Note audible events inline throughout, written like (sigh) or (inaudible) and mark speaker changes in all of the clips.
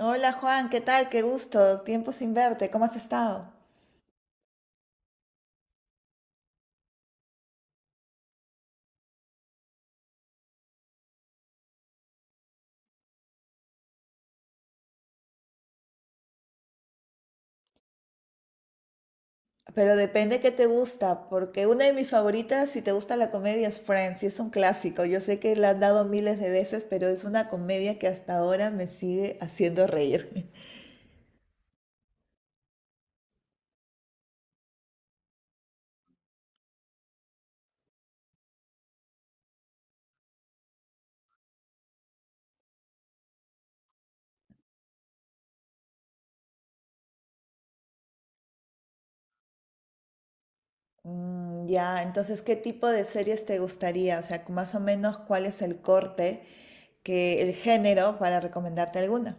Speaker 1: Hola Juan, ¿qué tal? Qué gusto. Tiempo sin verte. ¿Cómo has estado? Pero depende qué te gusta, porque una de mis favoritas, si te gusta la comedia, es Friends, y es un clásico. Yo sé que la han dado miles de veces, pero es una comedia que hasta ahora me sigue haciendo reír. (laughs) Ya, entonces, ¿qué tipo de series te gustaría? O sea, más o menos, ¿cuál es el corte, que el género para recomendarte alguna?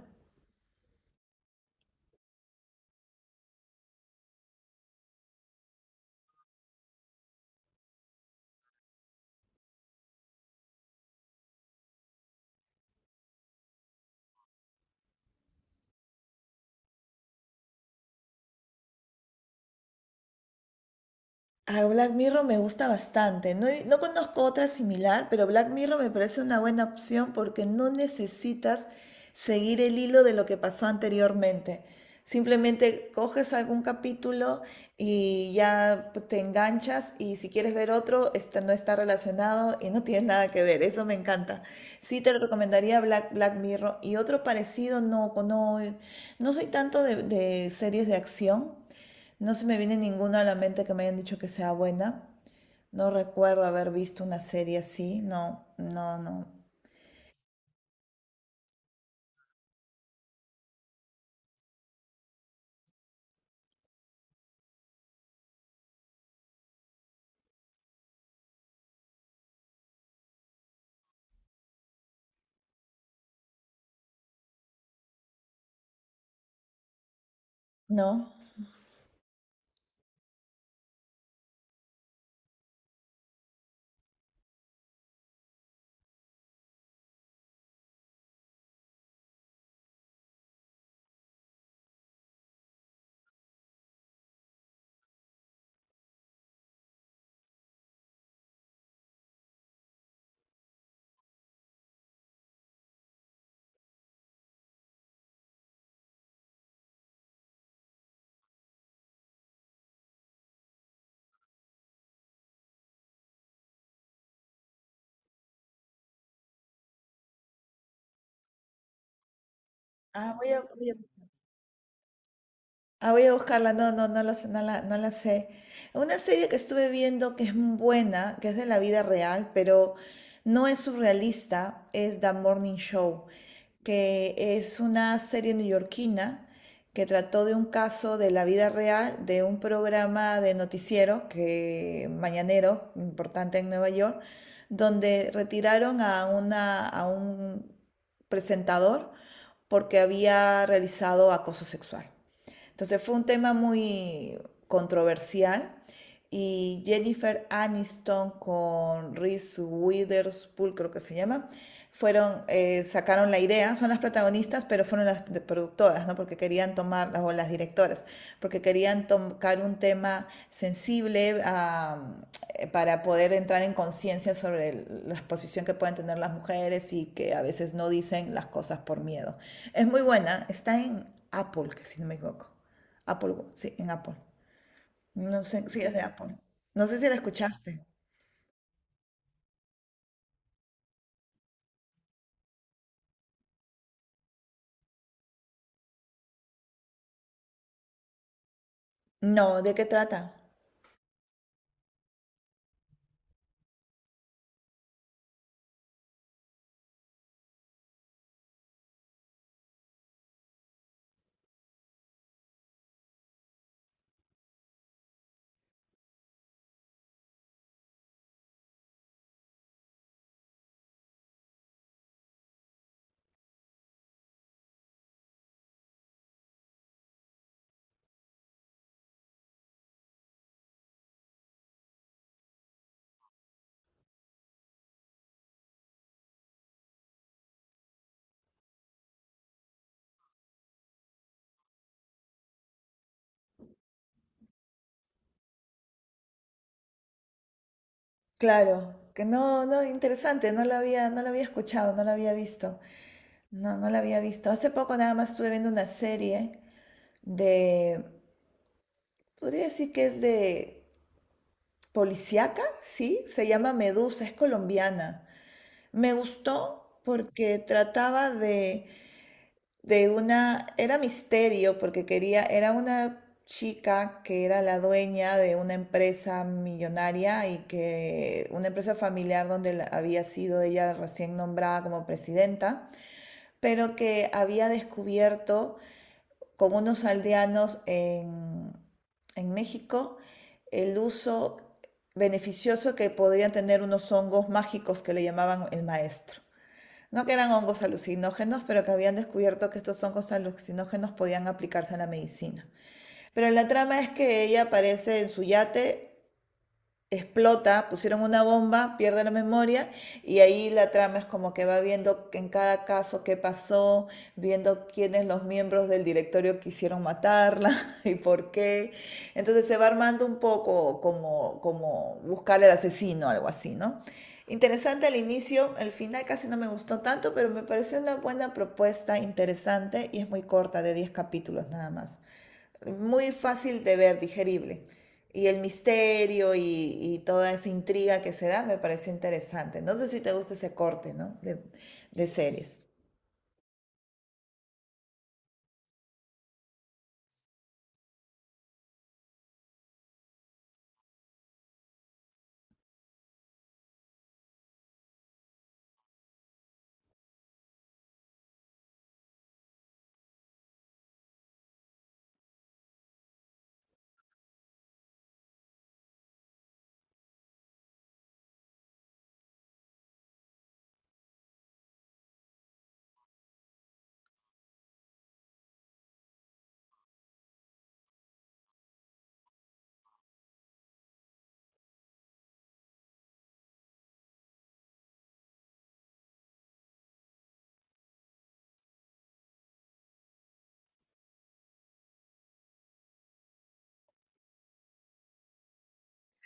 Speaker 1: Ah, Black Mirror me gusta bastante. No, no conozco otra similar, pero Black Mirror me parece una buena opción porque no necesitas seguir el hilo de lo que pasó anteriormente. Simplemente coges algún capítulo y ya pues, te enganchas y si quieres ver otro, este no está relacionado y no tiene nada que ver. Eso me encanta. Sí te lo recomendaría Black Mirror y otro parecido, no, no, no soy tanto de series de acción. No se me viene ninguna a la mente que me hayan dicho que sea buena. No recuerdo haber visto una serie así. No, no, no. No. Ah, ah, voy a buscarla. No, no la sé. Una serie que estuve viendo que es muy buena, que es de la vida real, pero no es surrealista, es The Morning Show, que es una serie neoyorquina que trató de un caso de la vida real de un programa de noticiero que mañanero importante en Nueva York, donde retiraron a una a un presentador porque había realizado acoso sexual. Entonces fue un tema muy controversial y Jennifer Aniston con Reese Witherspoon, creo que se llama, fueron, sacaron la idea, son las protagonistas, pero fueron las productoras, ¿no? Porque querían tomar, o las directoras, porque querían tocar un tema sensible para poder entrar en conciencia sobre la exposición que pueden tener las mujeres y que a veces no dicen las cosas por miedo. Es muy buena, está en Apple, que si no me equivoco. Apple, Watch, sí, en Apple. No sé si es de Apple. No sé si la escuchaste. No, ¿de qué trata? Claro, que no, no, interesante, no la había escuchado, no la había visto. No, no la había visto. Hace poco nada más estuve viendo una serie de, podría decir que es de policíaca, sí, se llama Medusa, es colombiana. Me gustó porque trataba de era misterio porque quería, era una chica que era la dueña de una empresa millonaria y que una empresa familiar donde había sido ella recién nombrada como presidenta, pero que había descubierto con unos aldeanos en México el uso beneficioso que podrían tener unos hongos mágicos que le llamaban el maestro. No que eran hongos alucinógenos, pero que habían descubierto que estos hongos alucinógenos podían aplicarse a la medicina. Pero la trama es que ella aparece en su yate, explota, pusieron una bomba, pierde la memoria y ahí la trama es como que va viendo en cada caso qué pasó, viendo quiénes los miembros del directorio quisieron matarla (laughs) y por qué. Entonces se va armando un poco como, como buscar al asesino, algo así, ¿no? Interesante al inicio, el final casi no me gustó tanto, pero me pareció una buena propuesta, interesante y es muy corta, de 10 capítulos nada más, muy fácil de ver, digerible. Y el misterio y toda esa intriga que se da me pareció interesante. No sé si te gusta ese corte, ¿no? De series.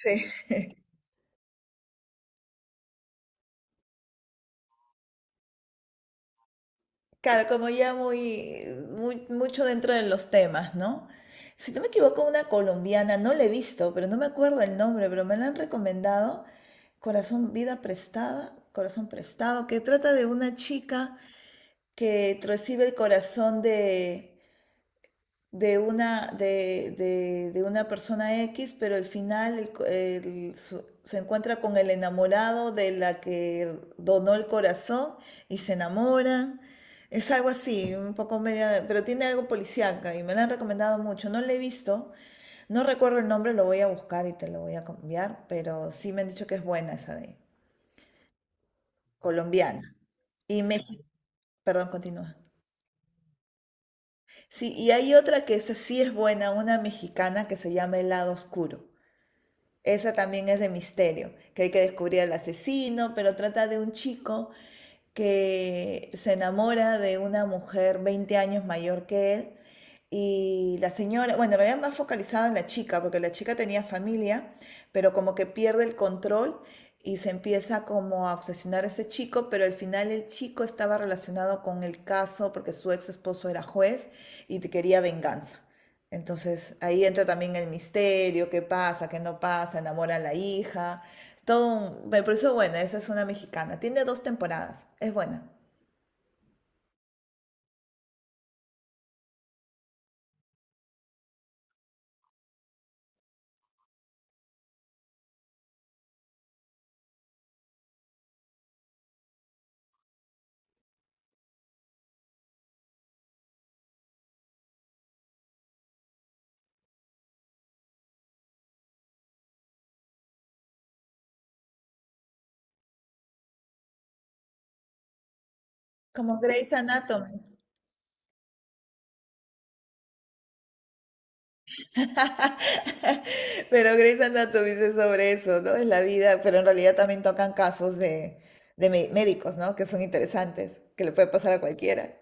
Speaker 1: Sí. (laughs) Claro, como ya mucho dentro de los temas, ¿no? Si no me equivoco, una colombiana, no la he visto, pero no me acuerdo el nombre, pero me la han recomendado, Corazón Prestado, que trata de una chica que recibe el corazón de una persona X, pero al final el co- el su- se encuentra con el enamorado de la que donó el corazón y se enamoran. Es algo así, un poco media, pero tiene algo policíaca y me la han recomendado mucho. No la he visto, no recuerdo el nombre, lo voy a buscar y te lo voy a cambiar, pero sí me han dicho que es buena esa de colombiana. Y México, perdón, continúa. Sí, y hay otra que esa sí es buena, una mexicana que se llama El lado oscuro. Esa también es de misterio, que hay que descubrir al asesino, pero trata de un chico que se enamora de una mujer 20 años mayor que él y la señora, bueno, en realidad más focalizado en la chica, porque la chica tenía familia, pero como que pierde el control y se empieza como a obsesionar a ese chico, pero al final el chico estaba relacionado con el caso porque su ex esposo era juez y te quería venganza. Entonces ahí entra también el misterio, qué pasa, qué no pasa, enamora a la hija, todo un... Me pareció buena, esa es una mexicana, tiene dos temporadas, es buena. Como Grey's Anatomy. (laughs) Pero Grey's Anatomy es sobre eso, ¿no? Es la vida, pero en realidad también tocan casos de médicos, ¿no? Que son interesantes, que le puede pasar a cualquiera.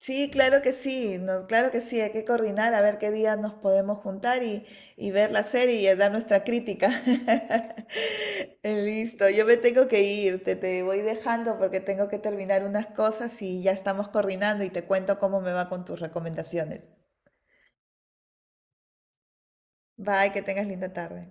Speaker 1: Sí, claro que sí, no, claro que sí, hay que coordinar a ver qué día nos podemos juntar y ver la serie y dar nuestra crítica. (laughs) Listo, yo me tengo que ir, te voy dejando porque tengo que terminar unas cosas y ya estamos coordinando y te cuento cómo me va con tus recomendaciones. Bye, que tengas linda tarde.